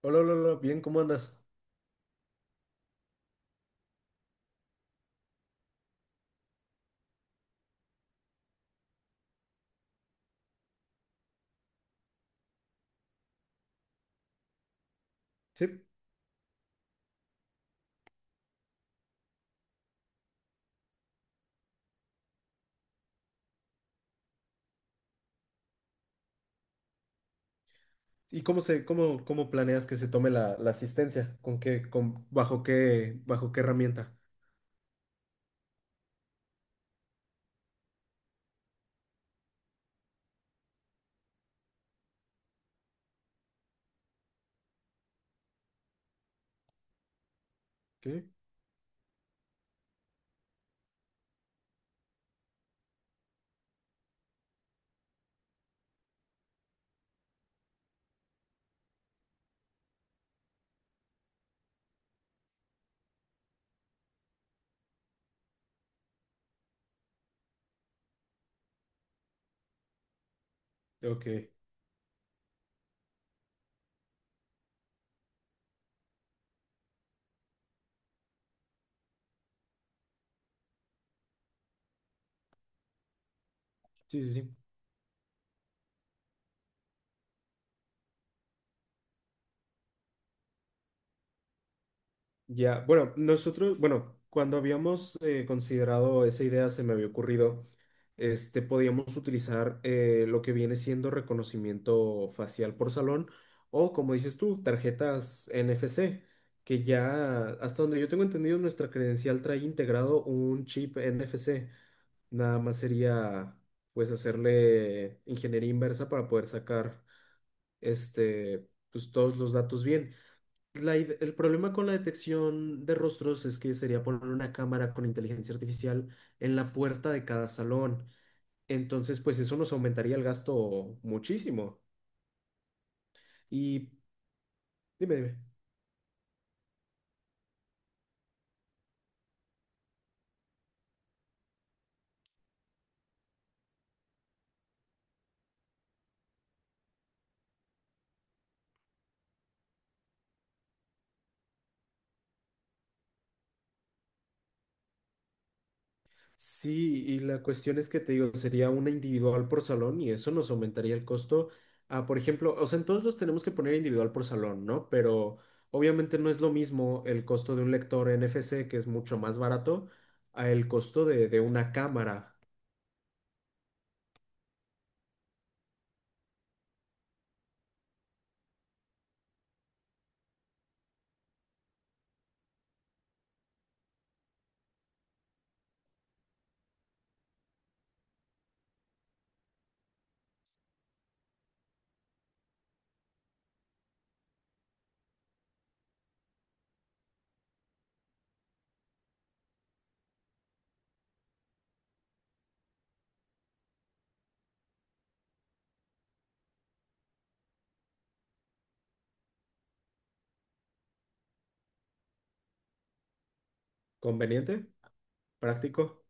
Hola, hola, hola, bien, ¿cómo andas? Sí. ¿Y cómo se, cómo planeas que se tome la asistencia? ¿Con qué, con, bajo qué herramienta? ¿Qué? Ok. Sí, sí, sí. Ya, bueno, nosotros, bueno, cuando habíamos considerado esa idea, se me había ocurrido, este, podíamos utilizar lo que viene siendo reconocimiento facial por salón o, como dices tú, tarjetas NFC, que ya, hasta donde yo tengo entendido, nuestra credencial trae integrado un chip NFC. Nada más sería pues hacerle ingeniería inversa para poder sacar este pues todos los datos bien. El problema con la detección de rostros es que sería poner una cámara con inteligencia artificial en la puerta de cada salón. Entonces, pues eso nos aumentaría el gasto muchísimo. Y dime, dime. Sí, y la cuestión es que te digo, sería una individual por salón y eso nos aumentaría el costo a, por ejemplo, o sea, en todos los tenemos que poner individual por salón, ¿no? Pero obviamente no es lo mismo el costo de un lector NFC, que es mucho más barato, a el costo de una cámara. ¿Conveniente? ¿Práctico?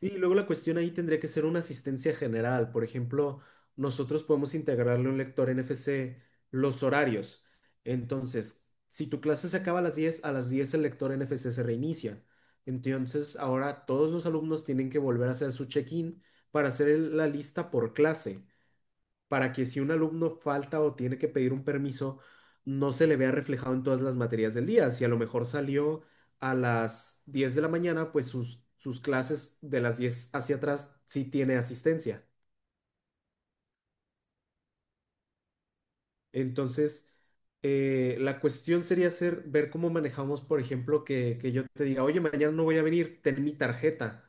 Sí, luego la cuestión ahí tendría que ser una asistencia general. Por ejemplo, nosotros podemos integrarle a un lector NFC los horarios. Entonces, si tu clase se acaba a las 10, a las 10 el lector NFC se reinicia. Entonces, ahora todos los alumnos tienen que volver a hacer su check-in para hacer la lista por clase para que si un alumno falta o tiene que pedir un permiso, no se le vea reflejado en todas las materias del día. Si a lo mejor salió a las 10 de la mañana, pues sus clases de las 10 hacia atrás sí tiene asistencia. Entonces, la cuestión sería ser ver cómo manejamos, por ejemplo, que yo te diga, oye, mañana no voy a venir, ten mi tarjeta,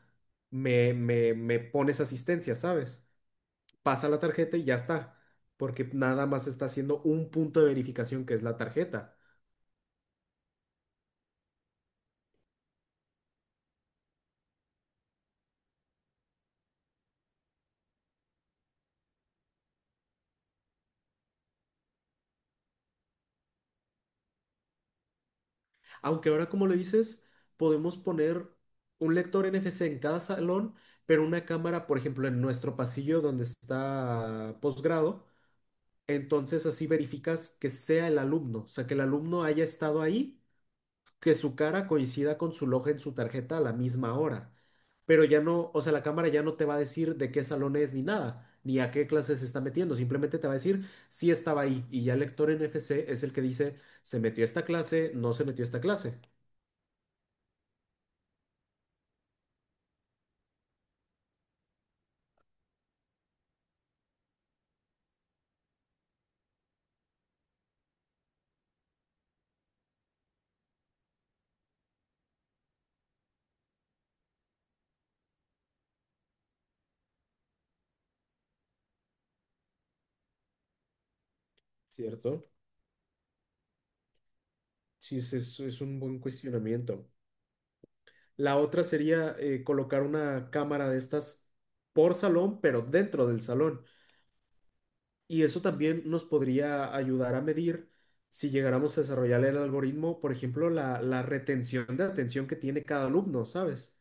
me, me pones asistencia, ¿sabes? Pasa la tarjeta y ya está, porque nada más está haciendo un punto de verificación que es la tarjeta. Aunque ahora, como lo dices, podemos poner un lector NFC en cada salón, pero una cámara, por ejemplo, en nuestro pasillo donde está posgrado. Entonces así verificas que sea el alumno, o sea, que el alumno haya estado ahí, que su cara coincida con su loja en su tarjeta a la misma hora. Pero ya no, o sea, la cámara ya no te va a decir de qué salón es ni nada, ni a qué clase se está metiendo, simplemente te va a decir si estaba ahí. Y ya el lector NFC es el que dice, se metió a esta clase, no se metió a esta clase. ¿Cierto? Sí, es, es un buen cuestionamiento. La otra sería colocar una cámara de estas por salón, pero dentro del salón. Y eso también nos podría ayudar a medir si llegáramos a desarrollar el algoritmo, por ejemplo, la retención de atención que tiene cada alumno, ¿sabes?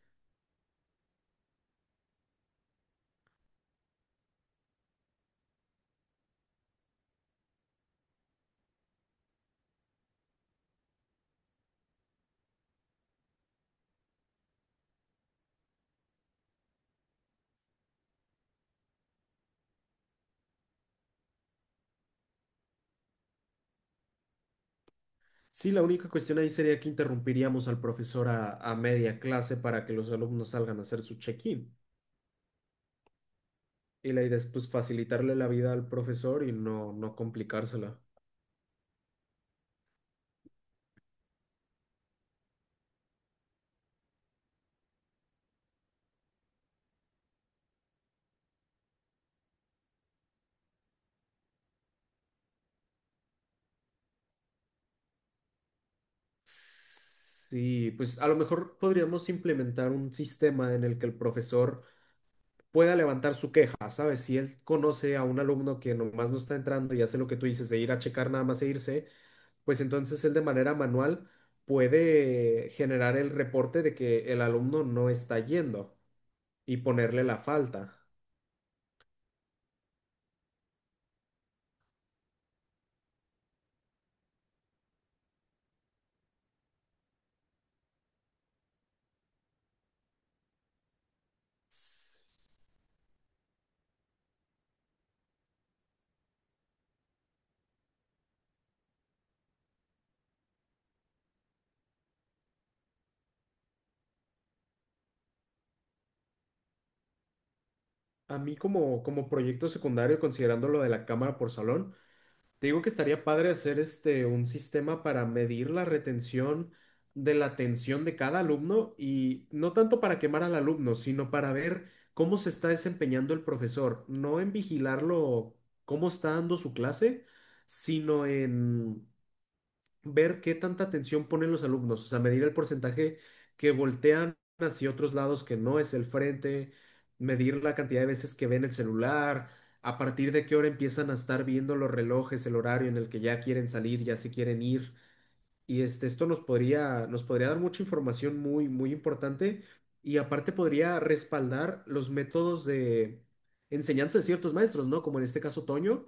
Sí, la única cuestión ahí sería que interrumpiríamos al profesor a media clase para que los alumnos salgan a hacer su check-in. Y la idea es pues facilitarle la vida al profesor y no, no complicársela. Sí, pues a lo mejor podríamos implementar un sistema en el que el profesor pueda levantar su queja, ¿sabes? Si él conoce a un alumno que nomás no está entrando y hace lo que tú dices de ir a checar nada más e irse, pues entonces él de manera manual puede generar el reporte de que el alumno no está yendo y ponerle la falta. A mí como, como proyecto secundario, considerando lo de la cámara por salón, te digo que estaría padre hacer este un sistema para medir la retención de la atención de cada alumno y no tanto para quemar al alumno, sino para ver cómo se está desempeñando el profesor, no en vigilarlo cómo está dando su clase, sino en ver qué tanta atención ponen los alumnos, o sea, medir el porcentaje que voltean hacia otros lados que no es el frente, medir la cantidad de veces que ven el celular, a partir de qué hora empiezan a estar viendo los relojes, el horario en el que ya quieren salir, ya se quieren ir. Y este, esto nos podría dar mucha información muy, muy importante y aparte podría respaldar los métodos de enseñanza de ciertos maestros, ¿no? Como en este caso Toño,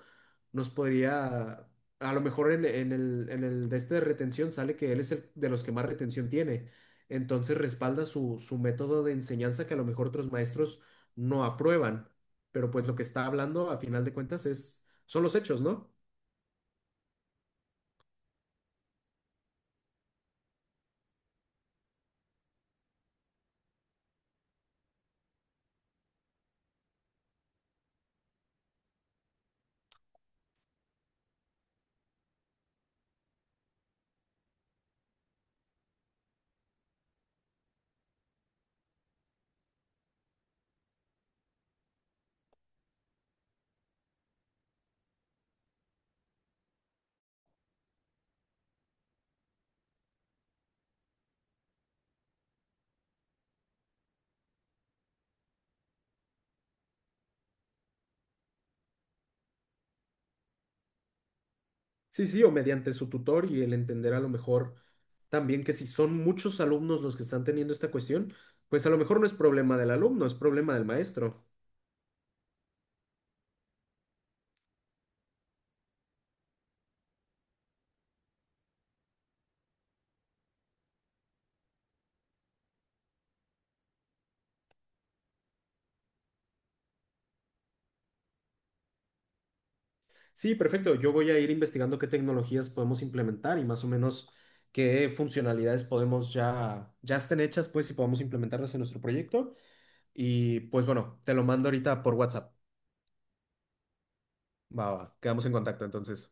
nos podría, a lo mejor en el de este de retención sale que él es el de los que más retención tiene. Entonces respalda su, su método de enseñanza que a lo mejor otros maestros no aprueban. Pero pues lo que está hablando a final de cuentas es, son los hechos, ¿no? Sí, sí, o mediante su tutor y el entender a lo mejor también que si son muchos alumnos los que están teniendo esta cuestión, pues a lo mejor no es problema del alumno, es problema del maestro. Sí, perfecto. Yo voy a ir investigando qué tecnologías podemos implementar y más o menos qué funcionalidades podemos ya, ya estén hechas, pues, y podemos implementarlas en nuestro proyecto. Y pues bueno, te lo mando ahorita por WhatsApp. Va, va, quedamos en contacto entonces.